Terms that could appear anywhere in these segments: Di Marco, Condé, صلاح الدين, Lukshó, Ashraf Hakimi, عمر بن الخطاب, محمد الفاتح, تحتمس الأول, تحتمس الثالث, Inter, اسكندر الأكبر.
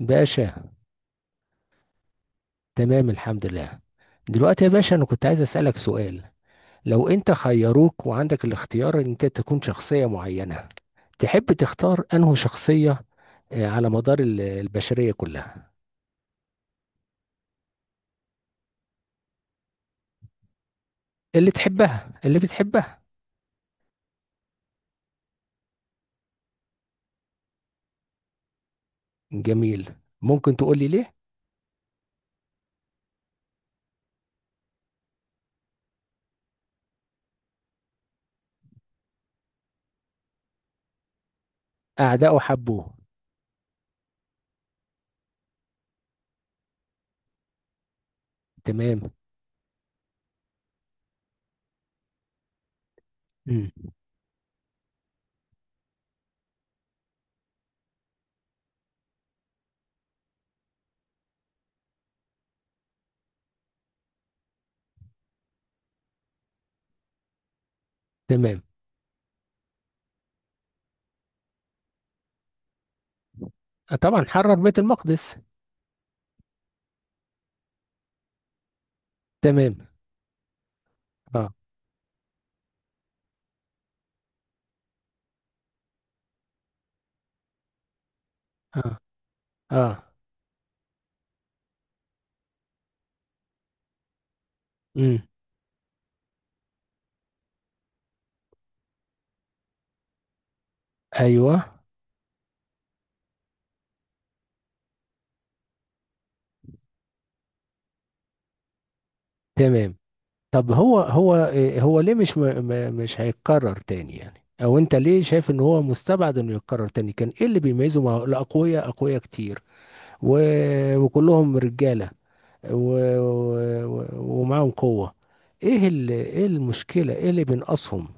باشا. تمام، الحمد لله. دلوقتي يا باشا، انا كنت عايز اسألك سؤال. لو انت خيروك وعندك الاختيار ان انت تكون شخصية معينة، تحب تختار انه شخصية، على مدار البشرية كلها؟ اللي تحبها، اللي بتحبها. جميل. ممكن تقول لي ليه؟ اعداؤه حبوه. تمام. مم. تمام. طبعا حرر بيت المقدس. تمام. اه. اه. اه. مم. ايوه. تمام. طب هو هو ليه مش مش هيتكرر تاني يعني؟ او انت ليه شايف ان هو مستبعد انه يتكرر تاني؟ كان ايه اللي بيميزه؟ مع الاقوياء، اقوياء كتير و... وكلهم رجالة. و... ومعاهم قوة. ايه المشكلة، ايه اللي بينقصهم؟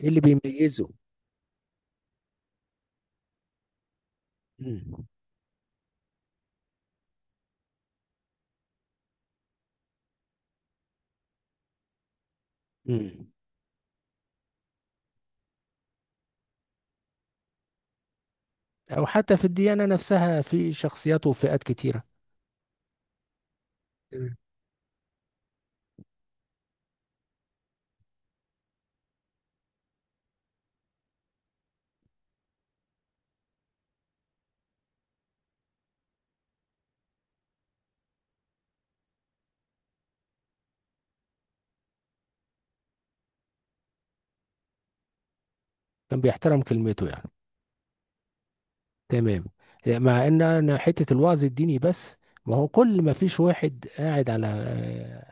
ايه اللي بيميزه؟ مم. مم. او حتى في الديانة نفسها، في شخصيات وفئات كتيرة. تمام. كان بيحترم كلمته يعني. تمام. لا، مع ان انا حته الوعظ الديني بس، ما هو كل ما فيش واحد قاعد على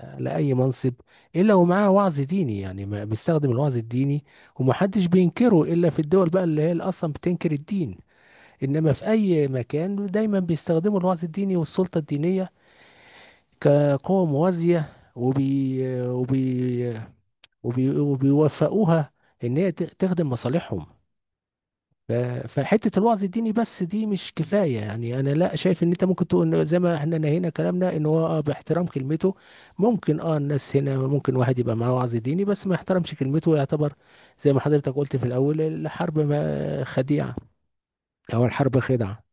على اي منصب الا ومعاه وعظ ديني، يعني بيستخدم الوعظ الديني ومحدش بينكره الا في الدول بقى اللي هي اللي اصلا بتنكر الدين. انما في اي مكان دايما بيستخدموا الوعظ الديني والسلطه الدينيه كقوه موازيه، وبيوفقوها ان هي تخدم مصالحهم. ف- فحته الوعظ الديني بس دي مش كفايه يعني. انا لا شايف ان انت ممكن تقول إن زي ما احنا نهينا كلامنا ان هو اه باحترام كلمته. ممكن، الناس هنا ممكن واحد يبقى معاه وعظ ديني بس ما يحترمش كلمته، يعتبر زي ما حضرتك قلت في الاول: الحرب ما خديعه، او الحرب خدعه.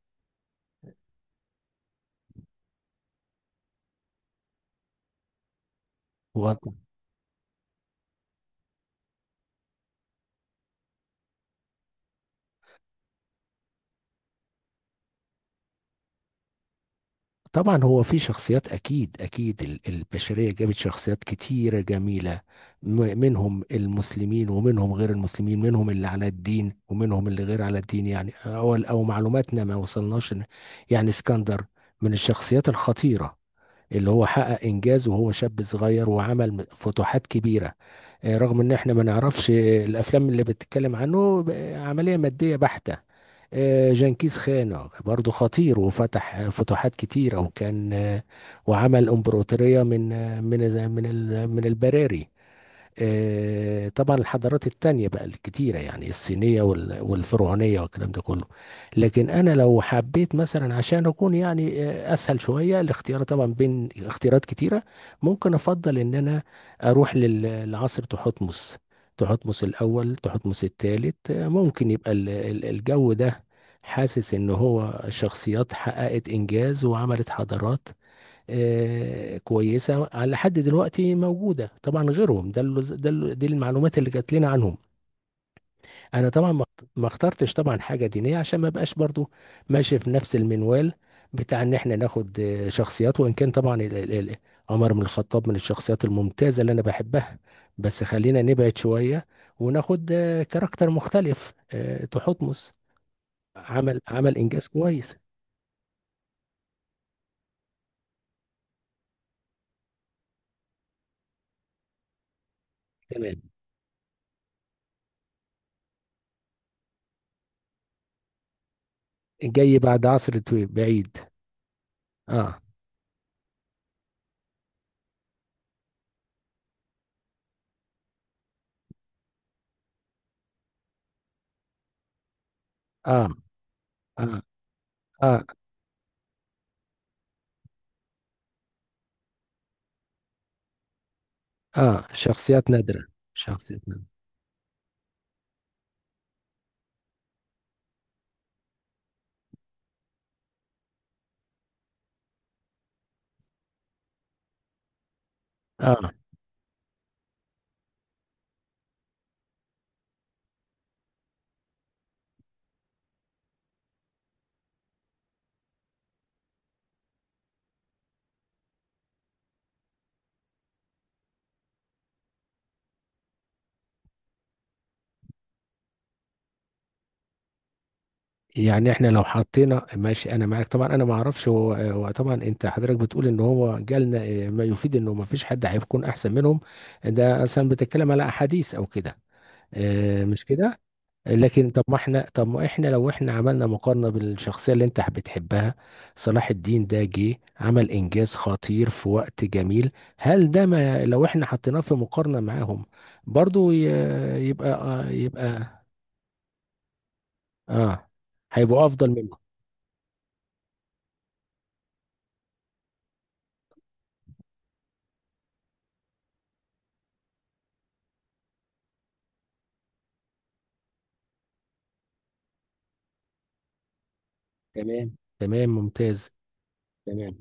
طبعا هو في شخصيات، اكيد اكيد البشريه جابت شخصيات كتيره جميله، منهم المسلمين ومنهم غير المسلمين، منهم اللي على الدين ومنهم اللي غير على الدين يعني. او او معلوماتنا ما وصلناش. يعني اسكندر من الشخصيات الخطيره، اللي هو حقق انجاز وهو شاب صغير وعمل فتوحات كبيره. رغم ان احنا ما نعرفش، الافلام اللي بتتكلم عنه عمليه ماديه بحته. جنكيز خان برضه خطير، وفتح فتوحات كتيرة، وكان وعمل امبراطورية من آه، من من ال- من البراري. طبعا الحضارات التانية بقى الكتيرة، يعني الصينية والفرعونية والكلام ده كله. لكن أنا لو حبيت مثلا عشان أكون يعني، أسهل شوية الاختيار طبعا بين اختيارات كتيرة، ممكن أفضل إن أنا أروح لعصر تحتمس، تحتمس الأول، تحتمس الثالث. ممكن يبقى الجو ده. حاسس إن هو شخصيات حققت إنجاز وعملت حضارات كويسه على حد دلوقتي موجوده طبعا غيرهم، ده اللي ده اللي دي المعلومات اللي جات لنا عنهم. انا طبعا ما ما اخترتش طبعا حاجه دينيه عشان ما بقاش برضو ماشي في نفس المنوال بتاع ان احنا ناخد شخصيات، وان كان طبعا عمر بن الخطاب من الشخصيات الممتازه اللي انا بحبها، بس خلينا نبعد شويه وناخد كاركتر مختلف، تحتمس. عمل انجاز كويس. تمام. جاي بعد عصر طويل بعيد. اه. اه. اه. اه. اه. شخصيات نادرة. شخصيات نادرة. اه. يعني احنا لو حطينا، ماشي انا معاك طبعا، انا ما اعرفش هو طبعا. انت حضرتك بتقول ان هو جالنا ما يفيد انه ما فيش حد هيكون احسن منهم، ده اصلا بتتكلم على احاديث او كده؟ آه، مش كده. لكن طب، ما احنا لو احنا عملنا مقارنة بالشخصية اللي انت بتحبها، صلاح الدين ده جه عمل انجاز خطير في وقت جميل. هل ده، ما لو احنا حطيناه في مقارنة معاهم، برضو يبقى اه، هيبقوا افضل منكم. تمام تمام، ممتاز. تمام.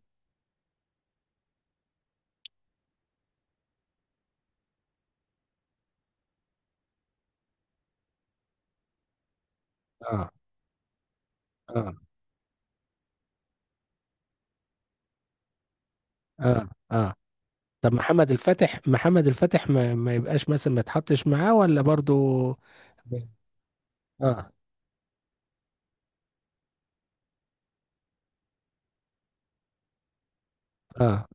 اه. اه. اه. اه. طب محمد الفاتح، محمد الفاتح ما يبقاش مثلا، ما يتحطش معاه ولا برضو؟ اه. اه.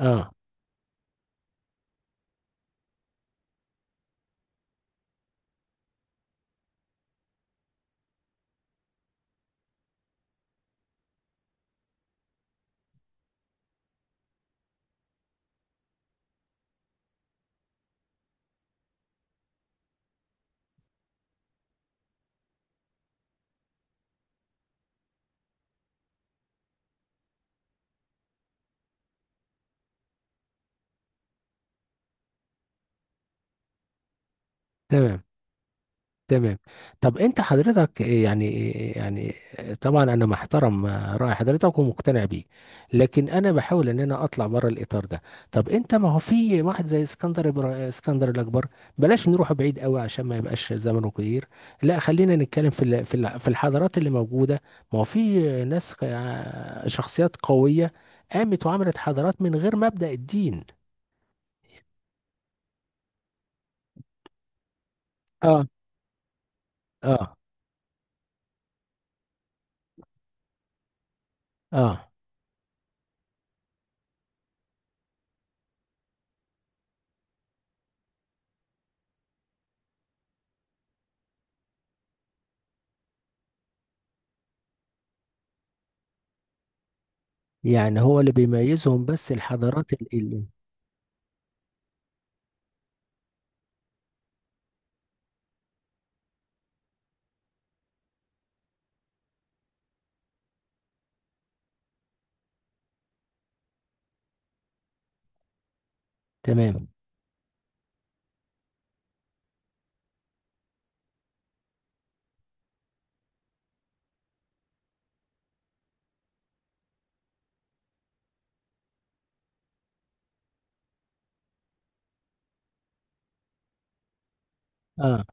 اه. تمام. تمام. طب انت حضرتك إيه يعني، إيه يعني؟ طبعا انا محترم رأي حضرتك ومقتنع بيه، لكن انا بحاول ان انا اطلع بره الاطار ده. طب انت، ما هو في واحد زي اسكندر، اسكندر الاكبر. بلاش نروح بعيد قوي عشان ما يبقاش زمنه كبير، لا خلينا نتكلم في في الحضارات اللي موجودة. ما هو في ناس، شخصيات قوية قامت وعملت حضارات من غير مبدأ الدين. اه. اه. اه. يعني هو اللي بيميزهم بس الحضارات؟ تمام. اه.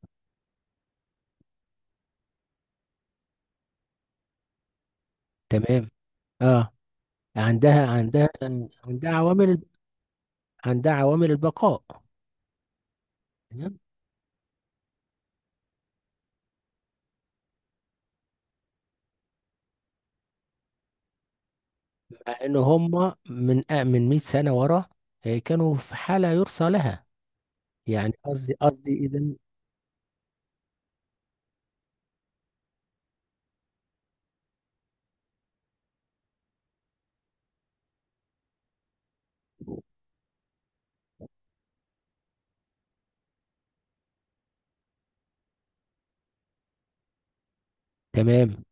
تمام. اه. عندها عندها عندها عوامل عندها عوامل البقاء. تمام. مع ان هم من، من 100 سنه ورا، كانوا في حاله يرثى لها. يعني قصدي، اذا... تمام.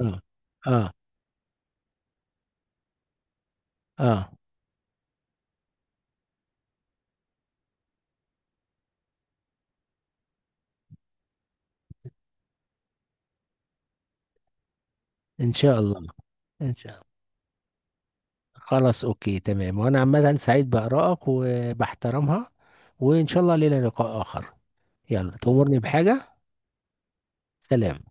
اه. اه. اه. ان شاء الله. ان شاء الله. خلاص، اوكي، تمام، وانا عامه سعيد بارائك وبحترمها، وان شاء الله لنا لقاء اخر. يلا، تأمرني بحاجه. سلام.